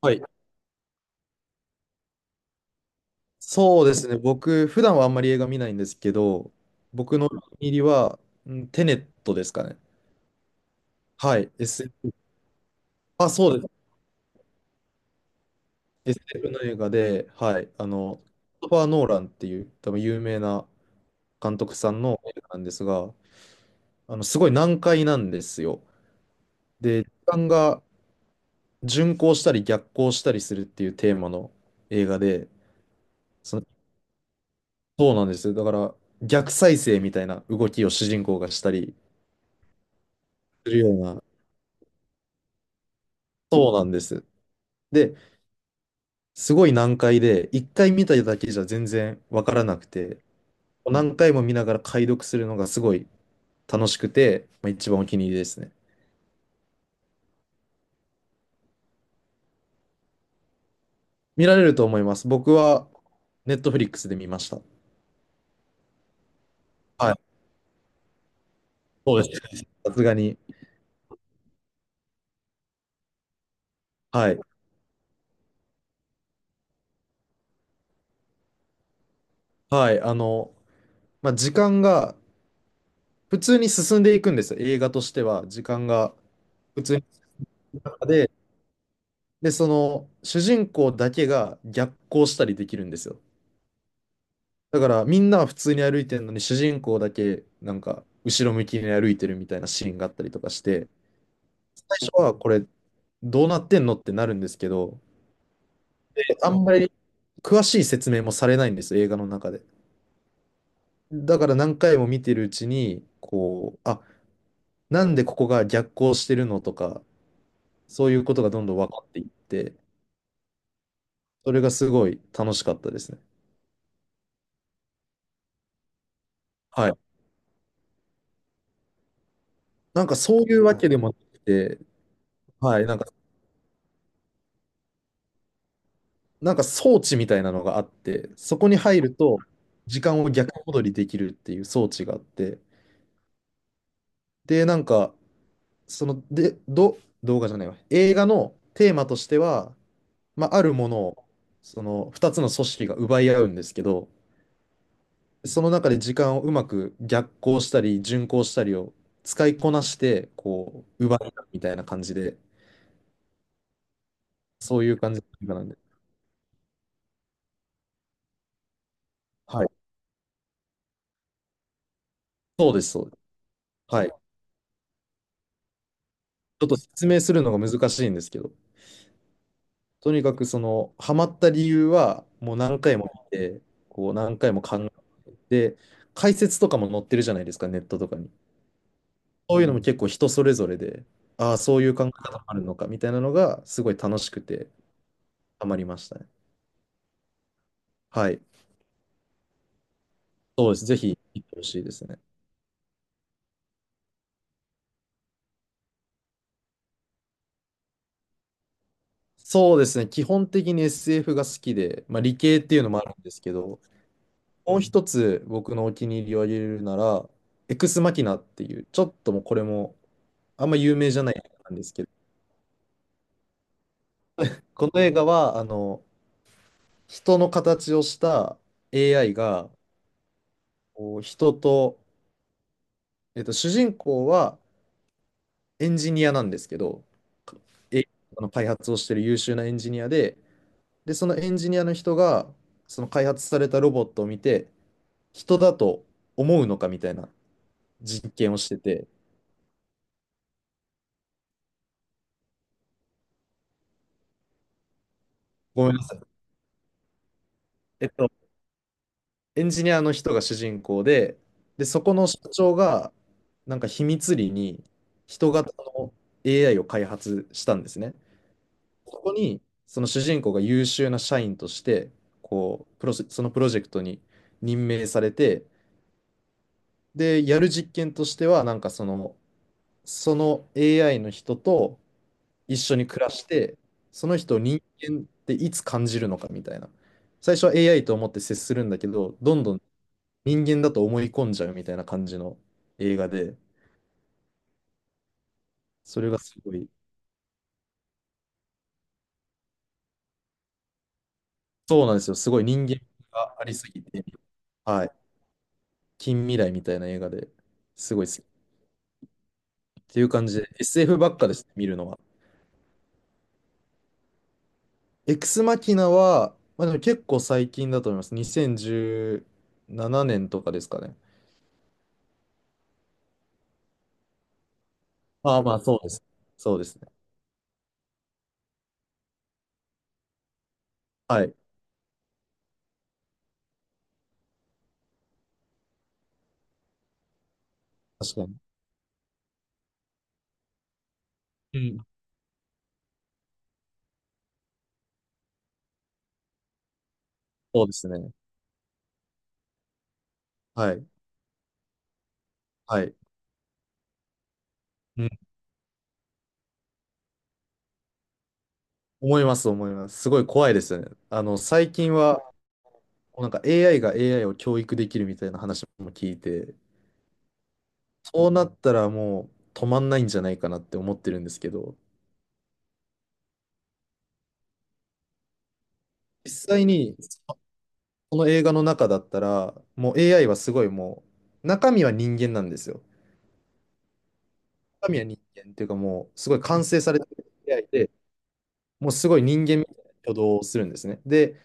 はい。そうですね。僕、普段はあんまり映画見ないんですけど、僕のお気に入りは、うんテネットですかね。はい。SF、あ、そうです。SF の映画で、はい。クリストファー・ノーランっていう、多分有名な監督さんの映画なんですが、すごい難解なんですよ。で、時間が順行したり逆行したりするっていうテーマの映画で、その、そうなんですよ。だから、逆再生みたいな動きを主人公がしたりするような、そうなんです。で、すごい難解で、一回見ただけじゃ全然わからなくて、何回も見ながら解読するのがすごい楽しくて、まあ、一番お気に入りですね。見られると思います。僕は、ネットフリックスで見ました。はい。そうですね。さすがに。はい。はい。まあ、時間が普通に進んでいくんですよ。映画としては、時間が普通に中で、で、主人公だけが逆行したりできるんですよ。だからみんなは普通に歩いてるのに主人公だけなんか後ろ向きに歩いてるみたいなシーンがあったりとかして、最初はこれどうなってんのってなるんですけど、あんまり詳しい説明もされないんですよ、映画の中で。だから何回も見てるうちに、こう、あ、なんでここが逆行してるのとか、そういうことがどんどん分かっていって、それがすごい楽しかったですね。はい。なんかそういうわけでもなくて、はいなんか、なんか装置みたいなのがあって、そこに入ると時間を逆戻りできるっていう装置があって、で、なんか、その、で、ど、動画じゃないわ。映画のテーマとしては、まあ、あるものを、その2つの組織が奪い合うんですけど、その中で時間をうまく逆行したり、順行したりを使いこなして、こう、奪い合うみたいな感じで、そういう感じの映画なんで。はい。そうです、そうです。はい。ちょっと説明するのが難しいんですけど。とにかくそのハマった理由はもう何回も見て、こう何回も考えて、解説とかも載ってるじゃないですか、ネットとかに。そういうのも結構人それぞれで、ああ、そういう考え方もあるのかみたいなのがすごい楽しくてハマりましたね。はい。そうです。ぜひ行ってほしいですね。そうですね。基本的に SF が好きで、まあ、理系っていうのもあるんですけど、もう一つ僕のお気に入りを挙げるなら、エクスマキナっていう、ちょっともうこれもあんま有名じゃないんですけど、この映画は、人の形をした AI が、こう人と、主人公はエンジニアなんですけど、え i の開発をしている優秀なエンジニアで、で、そのエンジニアの人が、その開発されたロボットを見て、人だと思うのかみたいな実験をしてて、ごめんなさい。えっと、エンジニアの人が主人公で、で、そこの社長が、なんか秘密裏に人型の AI を開発したんですね。そこに、その主人公が優秀な社員として、こう、プロジェそのプロジェクトに任命されて、で、やる実験としては、なんかその、その AI の人と一緒に暮らして、その人を人間っていつ感じるのかみたいな。最初は AI と思って接するんだけど、どんどん人間だと思い込んじゃうみたいな感じの映画で、それがすごい、そうなんですよ。すごい人間がありすぎて、はい。近未来みたいな映画ですごい好きっていう感じで、SF ばっかです、見るのは。エクスマキナは、まあ、でも結構最近だと思います。2017年とかですかね。ああ、まあそうです。そうですね。はい。確かに。うん。そうですね。はい。はい。うん。思います、思います。すごい怖いですよね。最近は、なんか AI が AI を教育できるみたいな話も聞いて、そうなったらもう止まんないんじゃないかなって思ってるんですけど、実際にこの映画の中だったら、もう AI はすごい中身は人間なんですよ。中身は人間っていうかもう、すごい完成されてる AI で、もうすごい人間みたいな挙動をするんですね。で、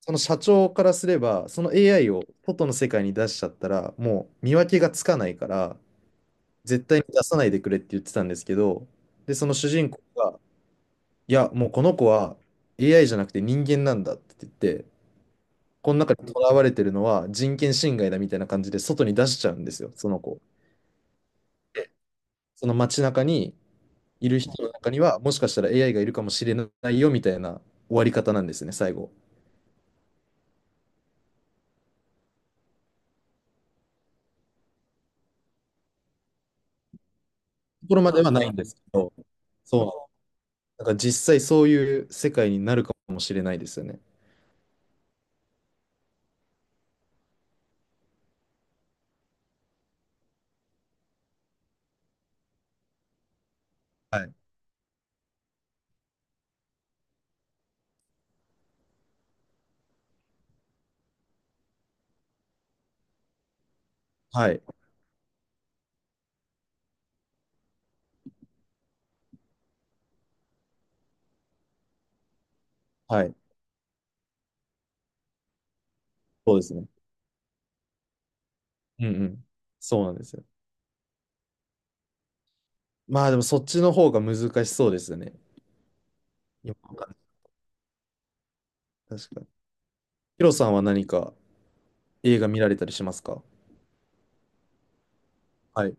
その社長からすれば、その AI を外の世界に出しちゃったら、もう見分けがつかないから、絶対に出さないでくれって言ってたんですけど、で、その主人公が、いや、もうこの子は AI じゃなくて人間なんだって言って、この中に囚われてるのは人権侵害だみたいな感じで外に出しちゃうんですよ、その子。で、その街中にいる人の中には、もしかしたら AI がいるかもしれないよみたいな終わり方なんですね、最後。ところまではないんですけど、そう。だから実際そういう世界になるかもしれないですよね。はい。はい。はい。そうですね。うんうん。そうなんですよ。まあでもそっちの方が難しそうですよね。今わかんない確かに。ヒロさんは何か映画見られたりしますか？はい。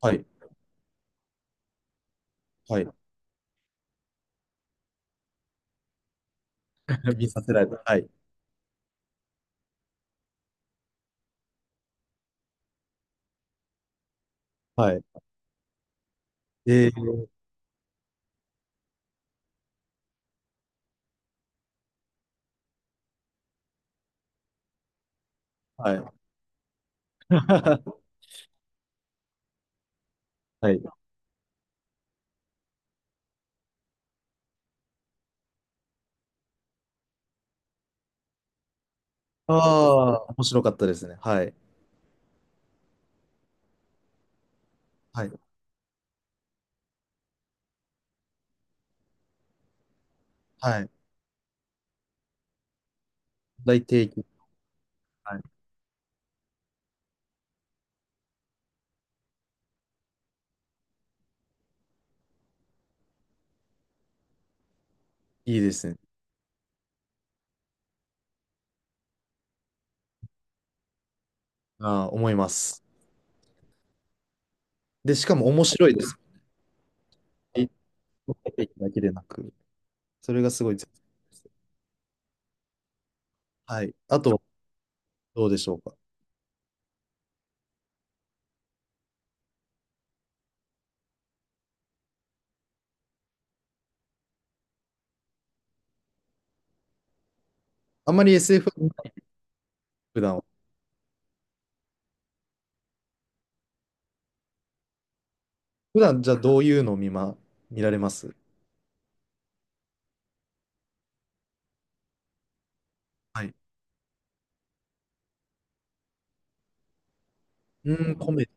はい。はい。見させられた。はい。はい。えー、はい。はい。ああ、面白かったですね。はい。はい。はい。大提起。はい。いいですね。ああ、思います。で、しかも面白いです。えだけでなく、それがすごい絶妙です。はい。あと、どうでしょうか。あんまり SF は見ない普段は、普段じゃあどういうのを見られます？はい。うーん、コメデ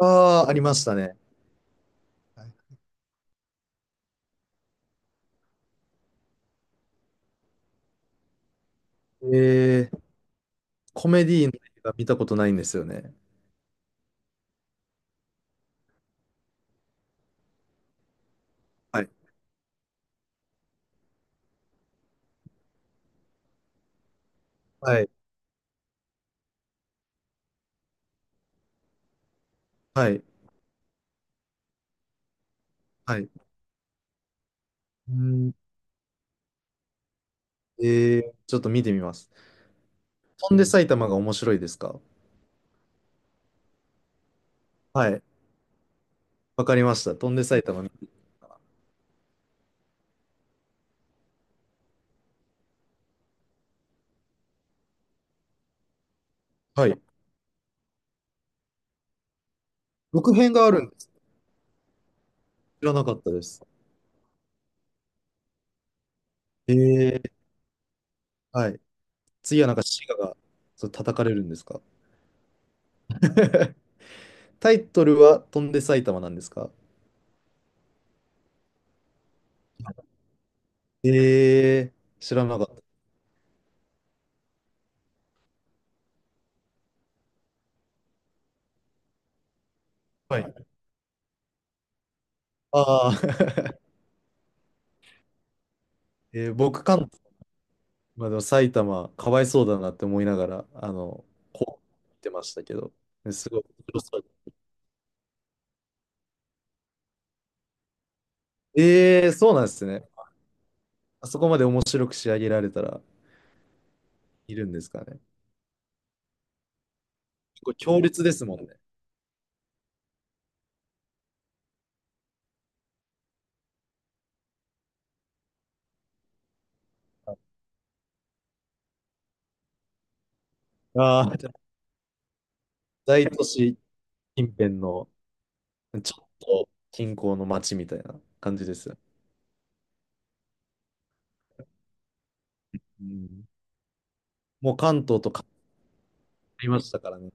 ィ。ああ、ありましたね。はい、えー、コメディの映画見たことないんですよね。はい。はい。はい。はい。うーん、えー、ちょっと見てみます。飛んで埼玉が面白いですか？はい。わかりました。飛んで埼玉。はい。続編があるんです。知らなかったです。ええ、はい。次はなんか滋賀が、そう、叩かれるんですか？タイトルは飛んで埼玉なんですか？ええ、知らなかった。はい。ああ えー僕、関東、まあ、でも埼玉、かわいそうだなって思いながら、こう言ってましたけど、すごい面白そう。ええ、そうなんですね。あそこまで面白く仕上げられたらいるんですかね。構強烈ですもんね。ああ、大都市近辺のちょっと近郊の町みたいな感じですよ。うん、もう関東と変わりましたからね。